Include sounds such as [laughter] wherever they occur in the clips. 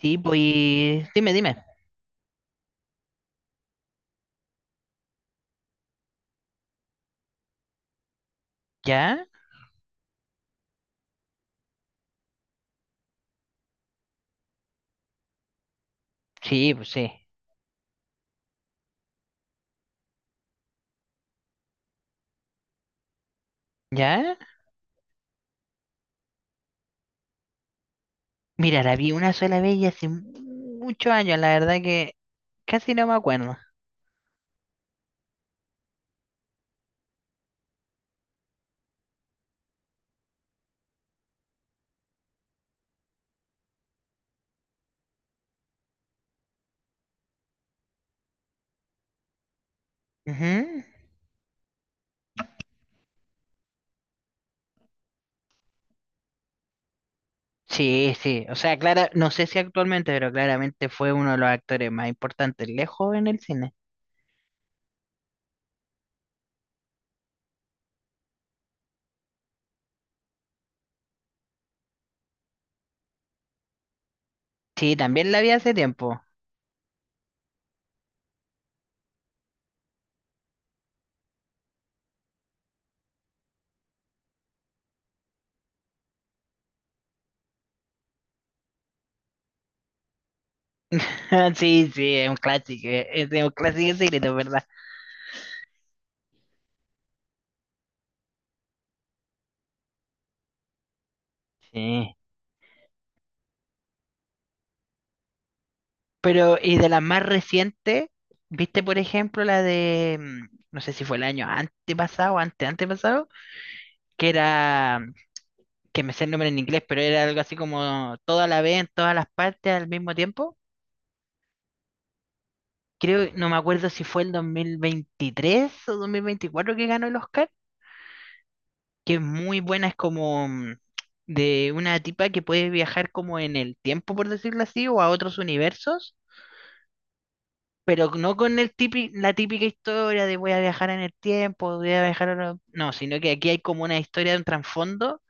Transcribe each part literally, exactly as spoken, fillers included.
Sí, pues, dime, dime. ¿Ya? Sí, pues sí. ¿Ya? Mira, la vi una sola vez y hace muchos años, la verdad que casi no me acuerdo. Ujú. Sí, sí. O sea, Clara, no sé si actualmente, pero claramente fue uno de los actores más importantes lejos en el cine. Sí, también la vi hace tiempo. [laughs] Sí, sí, es un clásico, es un clásico secreto, ¿verdad? Sí. Pero, y de las más recientes, ¿viste, por ejemplo, la de, mm, no sé si fue el año antepasado, ante antepasado? Que era, que me sé el nombre en inglés, pero era algo así como toda la vez, en todas las partes al mismo tiempo. Creo, no me acuerdo si fue el dos mil veintitrés o dos mil veinticuatro que ganó el Oscar, que es muy buena, es como mm, de una tipa que puede viajar como en el tiempo, por decirlo así, o a otros universos, pero no con el típi- la típica historia de voy a viajar en el tiempo, voy a viajar a... lo- No, sino que aquí hay como una historia de un trasfondo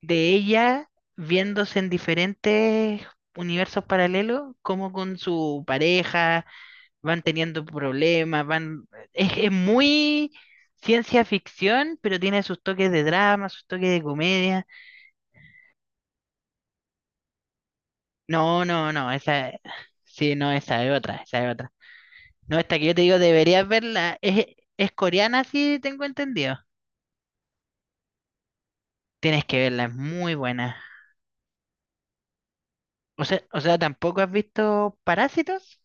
de ella viéndose en diferentes universos paralelos, como con su pareja van teniendo problemas, van... Es, es muy ciencia ficción, pero tiene sus toques de drama, sus toques de comedia. No, no, no, esa... Sí, no, esa es otra, esa es otra. No, esta que yo te digo, deberías verla. Es, es coreana, sí, tengo entendido. Tienes que verla, es muy buena. O sea, o sea, ¿tampoco has visto Parásitos?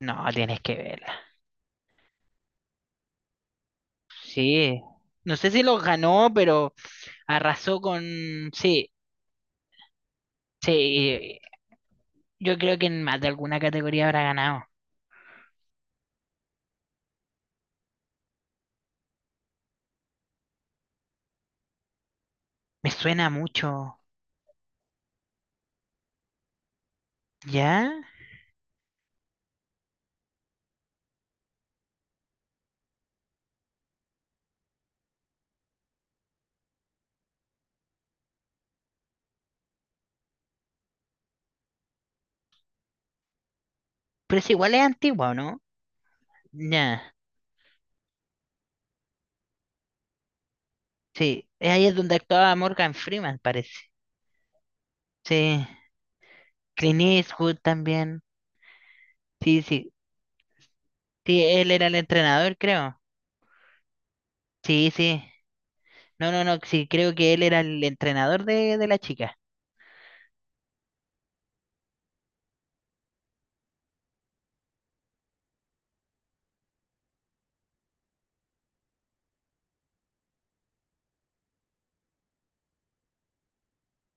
No, tienes que verla. Sí, no sé si los ganó, pero arrasó con... Sí, sí, yo creo que en más de alguna categoría habrá ganado. Me suena mucho, ¿ya? Pero es igual es antigua, ¿o no? Ya, sí, ahí es donde actuaba Morgan Freeman, parece. Sí, Clint Eastwood también. Sí, sí, sí, él era el entrenador, creo. Sí, sí. No, no, no, sí, creo que él era el entrenador de, de la chica.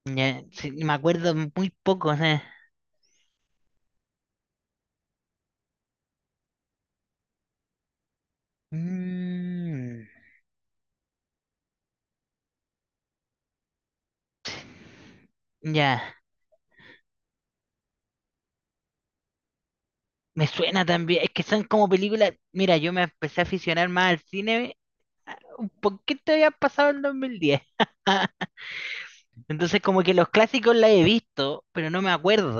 Ya, sí, me acuerdo muy poco, o sea. Mm. Ya, me suena también. Es que son como películas. Mira, yo me empecé a aficionar más al cine ah, un poquito había pasado el dos mil diez. [laughs] Entonces, como que los clásicos la he visto, pero no me acuerdo.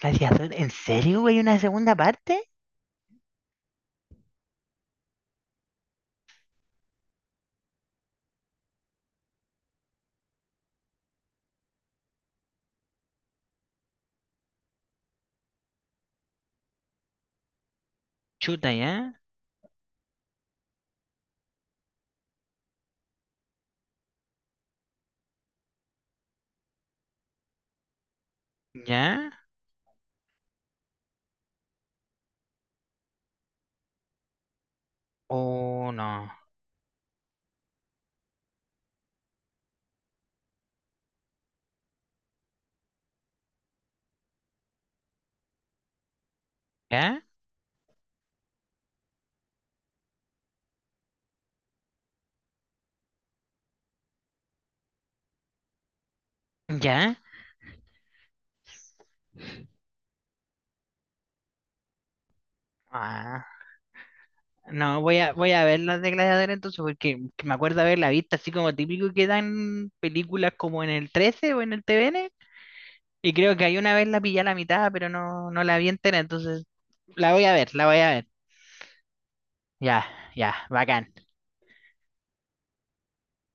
Gladiador, ¿en serio, güey? ¿Una segunda parte? Chuta, ¿ya? ¿Ya? ¿O no? ¿Ya? ¿Ya? Ah, no, voy a, voy a ver las de Gladiador entonces, porque que me acuerdo haberla visto así como típico que dan películas como en el trece o en el T V N. Y creo que ahí una vez la pillé a la mitad, pero no, no la vi entera, entonces la voy a ver, la voy a ver. Ya, ya, bacán,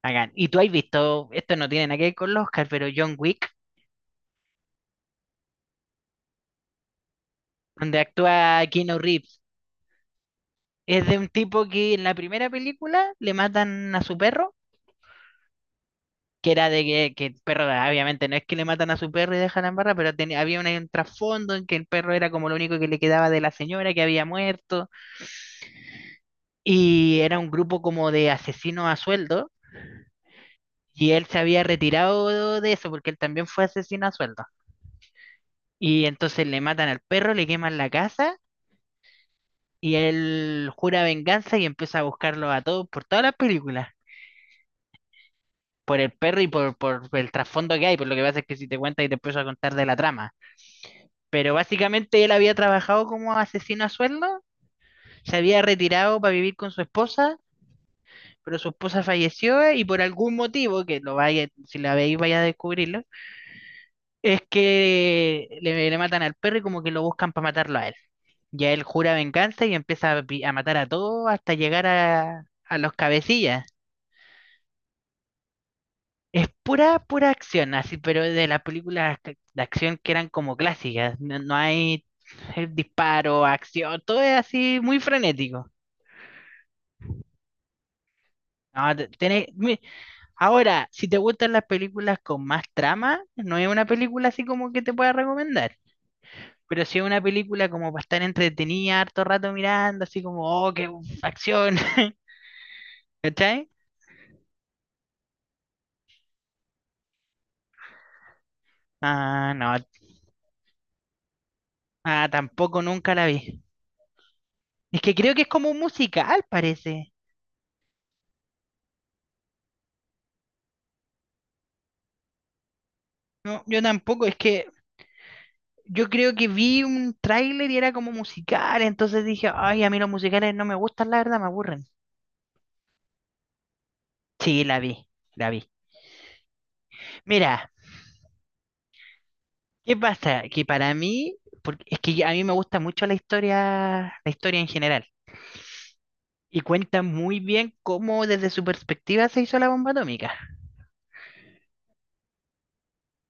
bacán. Y tú has visto, esto no tiene nada que ver con los Oscar, pero John Wick, donde actúa Keanu Reeves, es de un tipo que en la primera película le matan a su perro, que era de que, que el perro, obviamente no es que le matan a su perro y dejan en barra, pero tenía- había un, un trasfondo en que el perro era como lo único que le quedaba de la señora que había muerto, y era un grupo como de asesinos a sueldo. Y él se había retirado de eso porque él también fue asesino a sueldo. Y entonces le matan al perro, le queman la casa y él jura venganza y empieza a buscarlo a todos por todas las películas. Por el perro y por, por el trasfondo que hay, por lo que pasa es que si te cuentas y te empiezo a contar de la trama. Pero básicamente él había trabajado como asesino a sueldo, se había retirado para vivir con su esposa, pero su esposa falleció y por algún motivo, que lo vaya, si la veis vaya a descubrirlo, es que le, le matan al perro y como que lo buscan para matarlo a él. Ya él jura venganza y empieza a, pi- a matar a todos hasta llegar a, a los cabecillas. Es pura, pura acción, así, pero de las películas ac- de acción que eran como clásicas. No, no hay eh, disparo, acción, todo es así muy frenético. No, te- tenés- mi- ahora, si te gustan las películas con más trama, no es una película así como que te pueda recomendar. Pero si es una película como para estar entretenida harto rato mirando, así como, oh, qué acción, [laughs] ¿cachai? Ah, no, ah, tampoco nunca la vi. Es que creo que es como un musical, parece. No, yo tampoco, es que yo creo que vi un tráiler y era como musical, entonces dije, ay, a mí los musicales no me gustan, la verdad, me aburren. Sí, la vi, la vi. Mira, ¿qué pasa? Que para mí, porque es que a mí me gusta mucho la historia, la historia en general. Y cuenta muy bien cómo desde su perspectiva se hizo la bomba atómica.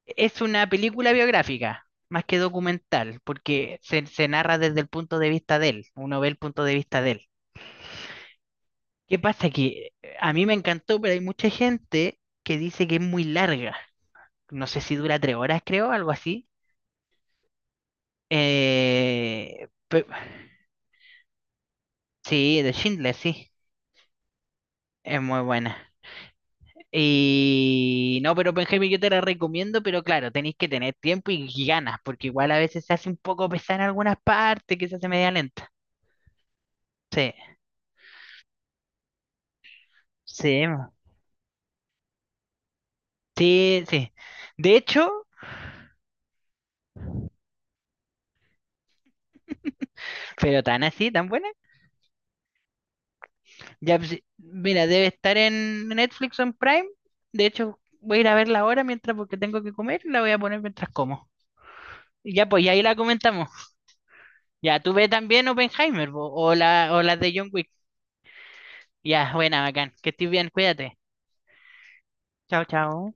Es una película biográfica, más que documental, porque se, se narra desde el punto de vista de él, uno ve el punto de vista de él. ¿Qué pasa? Que eh, a mí me encantó, pero hay mucha gente que dice que es muy larga. No sé si dura tres horas, creo, algo así. Eh, pe- sí, de Schindler, sí, es muy buena. Y no, pero Benjamín, yo te la recomiendo, pero claro, tenéis que tener tiempo y y ganas, porque igual a veces se hace un poco pesada en algunas partes, que se hace media lenta. Sí, sí, mo. Sí, sí. De hecho, pero tan así, tan buena. Ya, pues, mira, debe estar en Netflix o en Prime. De hecho, voy a ir a verla ahora mientras porque tengo que comer y la voy a poner mientras como. Y ya, pues, y ahí la comentamos. Ya, tú ve también Oppenheimer, po, o la, o las de John Wick. Ya, buena, bacán. Que estés bien, cuídate. Chao, chao.